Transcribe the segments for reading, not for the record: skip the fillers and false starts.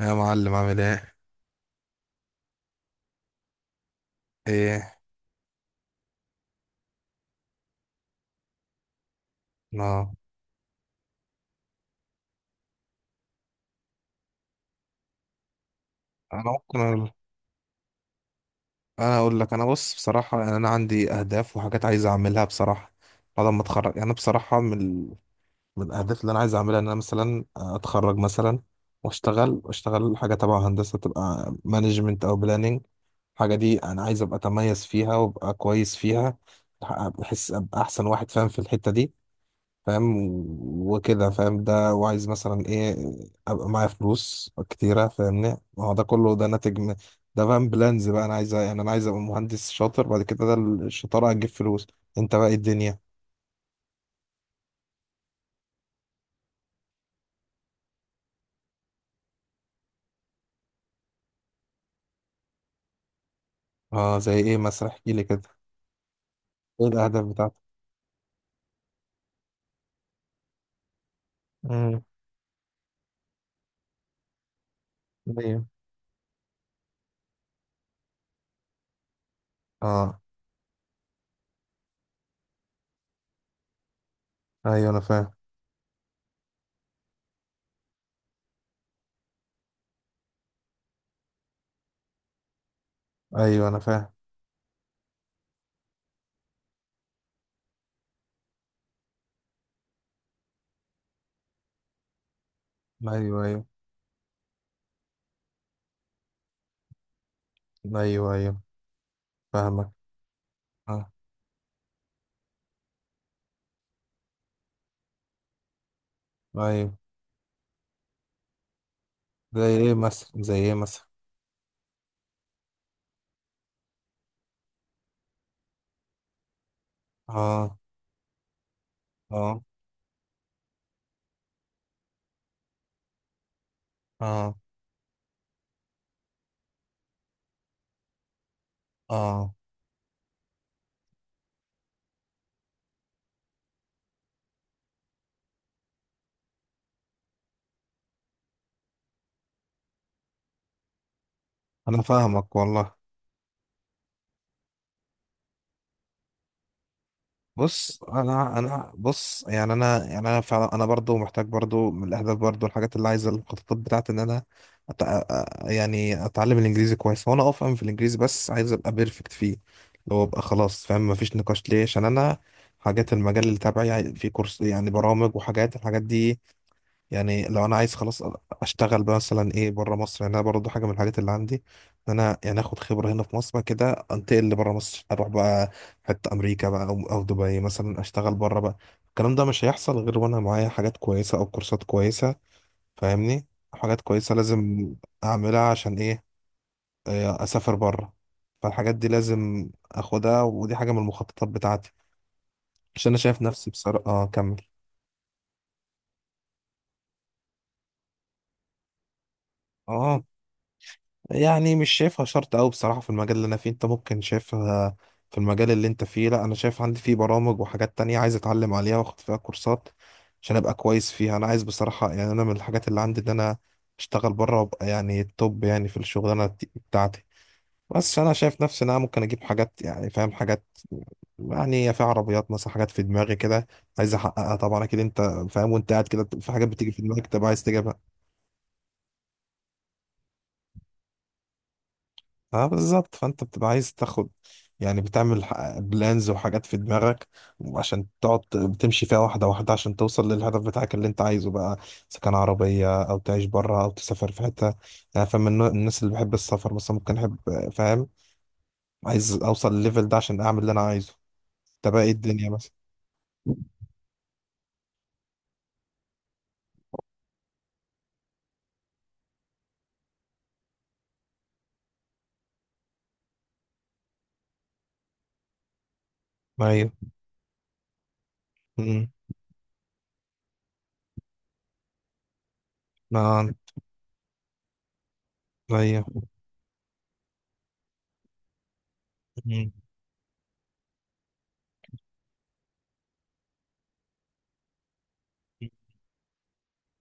يا معلم عامل ايه؟ ايه؟ انا انا ممكن اقول. انا اقول لك، انا بص بصراحه، يعني انا عندي اهداف وحاجات عايز اعملها بصراحه. بعد ما اتخرج يعني أنا بصراحه من الاهداف اللي انا عايز اعملها ان انا مثلا اتخرج مثلا، واشتغل حاجه تبع هندسه، تبقى مانجمنت او بلاننج. الحاجه دي انا عايز ابقى اتميز فيها وابقى كويس فيها. بحس ابقى احسن واحد فاهم في الحته دي، فاهم وكده، فاهم ده؟ وعايز مثلا ايه؟ ابقى معايا فلوس كتيره فاهمني. ما هو ده كله ده ناتج من ده، فاهم؟ بلانز بقى. انا عايز، يعني انا عايز ابقى مهندس شاطر بعد كده، ده الشطاره هتجيب فلوس. انت بقى، إيه الدنيا؟ اه، زي ايه مثلا؟ احكي لي كده. ايه الاهداف بتاعتك؟ امم. ايوه. اه. ايوه انا فاهم. ايوه انا فاهم. ايوه، ايوه. ايوه، ايوه. فاهمك. اه. ايوه. زي ايه مثلا؟ زي ايه مثلا؟ اه. اه. اه. اه. انا فاهمك والله. بص انا بص، يعني انا، يعني انا فعلا، انا برضو محتاج برضو. من الاهداف برضو، الحاجات اللي عايزه، الخطط بتاعت ان انا يعني اتعلم الانجليزي كويس، وانا افهم في الانجليزي، بس عايز ابقى بيرفكت فيه. اللي هو ابقى خلاص فاهم، مفيش نقاش ليه، عشان انا حاجات المجال اللي تبعي في كورس، يعني برامج وحاجات، الحاجات دي. يعني لو انا عايز خلاص اشتغل بقى مثلا ايه بره مصر، يعني انا برضه حاجه من الحاجات اللي عندي ان انا يعني اخد خبره هنا في مصر، بعد كده انتقل لبره مصر، اروح بقى حته امريكا بقى، او دبي مثلا، اشتغل بره بقى. الكلام ده مش هيحصل غير وانا معايا حاجات كويسه او كورسات كويسه، فاهمني. حاجات كويسه لازم اعملها. عشان ايه؟ اسافر بره. فالحاجات دي لازم اخدها، ودي حاجه من المخططات بتاعتي، عشان انا شايف نفسي بصراحه، اه، كمل. اه. يعني مش شايفها شرط أوي بصراحة في المجال اللي أنا فيه، أنت ممكن شايفها في المجال اللي أنت فيه. لأ، أنا شايف عندي فيه برامج وحاجات تانية عايز أتعلم عليها وأخد فيها كورسات عشان أبقى كويس فيها. أنا عايز بصراحة، يعني أنا من الحاجات اللي عندي إن أنا أشتغل بره وأبقى يعني التوب يعني في الشغلانة بتاعتي. بس أنا شايف نفسي إن أنا ممكن أجيب حاجات، يعني فاهم، حاجات يعني في عربيات مثلا، حاجات في دماغي كده عايز أحققها. طبعا أكيد أنت فاهم، وأنت قاعد كده في حاجات بتيجي في دماغك، تبقى عايز تجيبها. اه بالظبط، فانت بتبقى عايز تاخد، يعني بتعمل بلانز وحاجات في دماغك، عشان تقعد بتمشي فيها واحدة واحدة عشان توصل للهدف بتاعك اللي انت عايزه بقى، اذا كان عربية او تعيش بره او تسافر في حتة. يعني فاهم الناس اللي بحب السفر مثلا ممكن احب، فاهم، عايز اوصل للليفل ده عشان اعمل اللي انا عايزه. ده بقى، ايه الدنيا مثلا؟ ايوه. امم. ما. ايوه. أمم.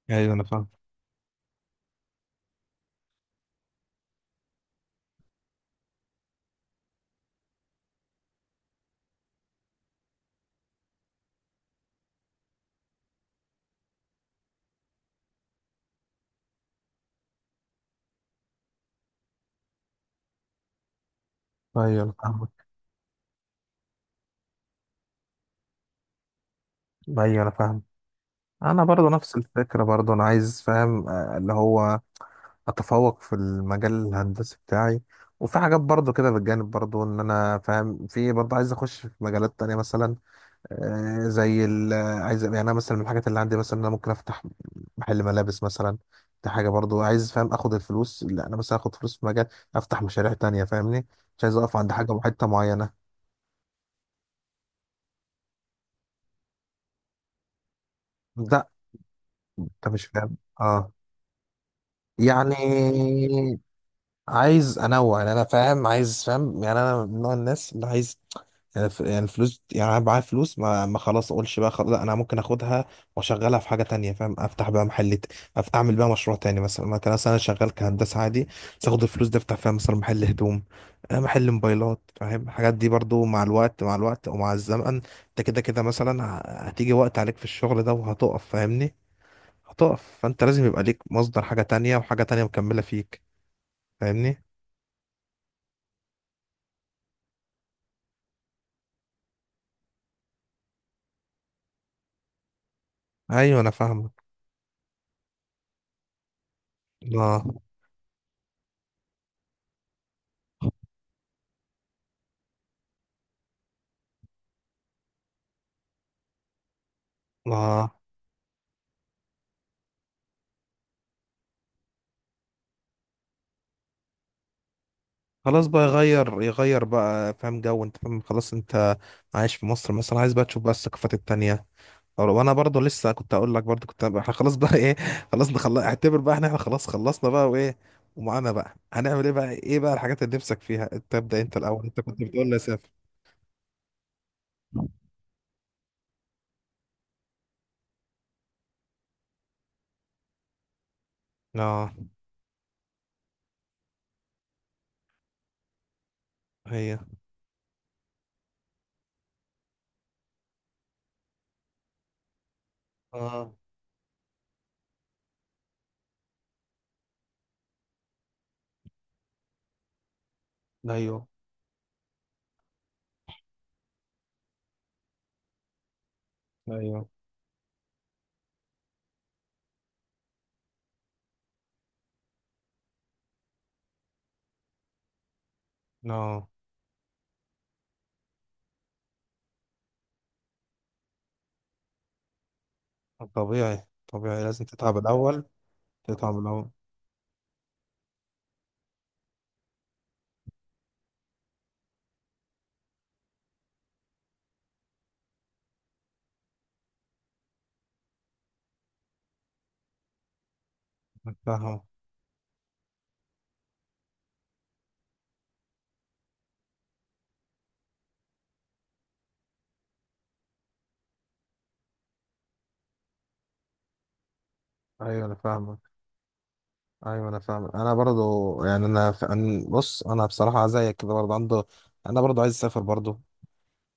ايوه انا فاهم. ايوه انا فاهمك. ايوه انا فاهم. انا برضو نفس الفكرة برضو، انا عايز فاهم، اللي هو اتفوق في المجال الهندسي بتاعي، وفي حاجات برضو كده بالجانب، برضو ان انا فاهم في، برضو عايز اخش في مجالات تانية مثلا، زي ال، عايز يعني انا مثلا من الحاجات اللي عندي مثلا إن انا ممكن افتح محل ملابس مثلا. دي حاجة برضو عايز، فاهم، اخد الفلوس اللي انا مثلا اخد فلوس في مجال، افتح مشاريع تانية فاهمني. مش عايز اقف عند حاجة، حتة معينة. لا. انت مش فاهم، اه؟ يعني عايز انوع، يعني انا فاهم، عايز، فاهم، يعني انا من نوع الناس اللي عايز، يعني يعني الفلوس. يعني انا معايا فلوس، ما خلاص اقولش بقى خلاص لا، انا ممكن اخدها واشغلها في حاجه تانية، فاهم، افتح بقى محل اعمل بقى مشروع تاني مثلا. ما كان مثلا انا شغال كهندسه عادي، بس اخد الفلوس دي افتح فيها مثلا محل هدوم، محل موبايلات، فاهم؟ الحاجات دي برضو مع الوقت، مع الوقت ومع الزمن انت كده كده مثلا، هتيجي وقت عليك في الشغل ده وهتقف فاهمني. هتقف، فانت لازم يبقى ليك مصدر حاجه تانية، وحاجه تانية مكمله فيك، فاهمني. ايوه انا فاهمك. اه. اه. خلاص بقى، يغير يغير بقى فاهم جو، انت فاهم؟ خلاص، انت عايش في مصر مثلا، عايز بقى تشوف بقى الثقافات التانية. وانا برضه لسه كنت اقول لك برضه كنت احنا خلاص بقى، ايه، خلاص نخلص، اعتبر بقى، احنا خلاص خلصنا بقى، وايه ومعانا بقى، هنعمل ايه بقى؟ ايه بقى الحاجات اللي نفسك فيها؟ انت ابدأ انت الاول، انت كنت بتقول لي سافر. اه. هي. اه. ايوه. ايوه. اه. طبيعي طبيعي، لازم تتعب الاول. تتعب الاول. أنا فاهم. ايوه انا فاهمك. ايوه انا فاهم. انا برضو يعني، انا أنا بص، انا بصراحه زيك كده برضو عنده. انا برضو عايز اسافر برضو.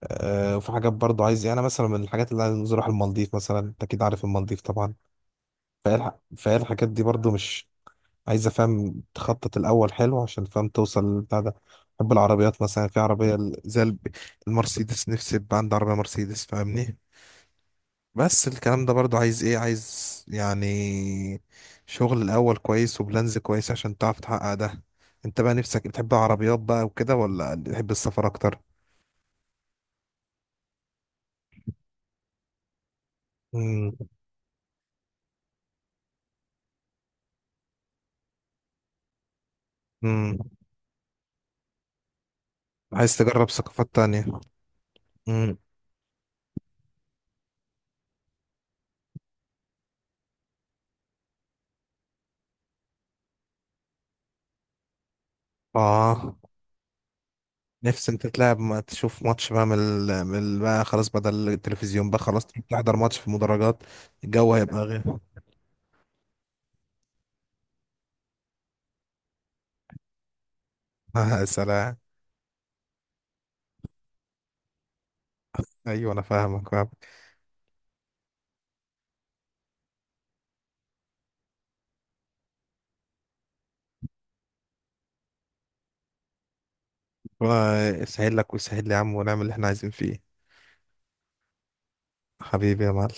أه، وفي حاجات برضو عايز، يعني انا مثلا من الحاجات اللي عايز اروح المالديف مثلا، انت اكيد عارف المالديف طبعا. فايه الح... فايه الحاجات دي برضو مش عايز افهم، تخطط الاول حلو عشان فاهم توصل للبتاع ده. بحب العربيات مثلا، في عربيه المرسيدس، نفسي يبقى عندي عربيه مرسيدس فاهمني. بس الكلام ده برضو عايز ايه؟ عايز يعني شغل الاول كويس وبلانز كويس عشان تعرف تحقق ده. انت بقى نفسك بتحب العربيات بقى وكده، ولا بتحب السفر اكتر؟ امم. امم. عايز تجرب ثقافات تانية؟ امم. اه. نفسي انت تلعب، ما تشوف ماتش بقى بقى خلاص، بدل التلفزيون بقى، خلاص تحضر ماتش في مدرجات. الجو هيبقى غير سلام. ايوه انا فاهمك، فاهمك. ربنا يسهل لك ويسهل لي يا عم، ونعمل اللي احنا عايزين فيه. حبيبي يا معلم.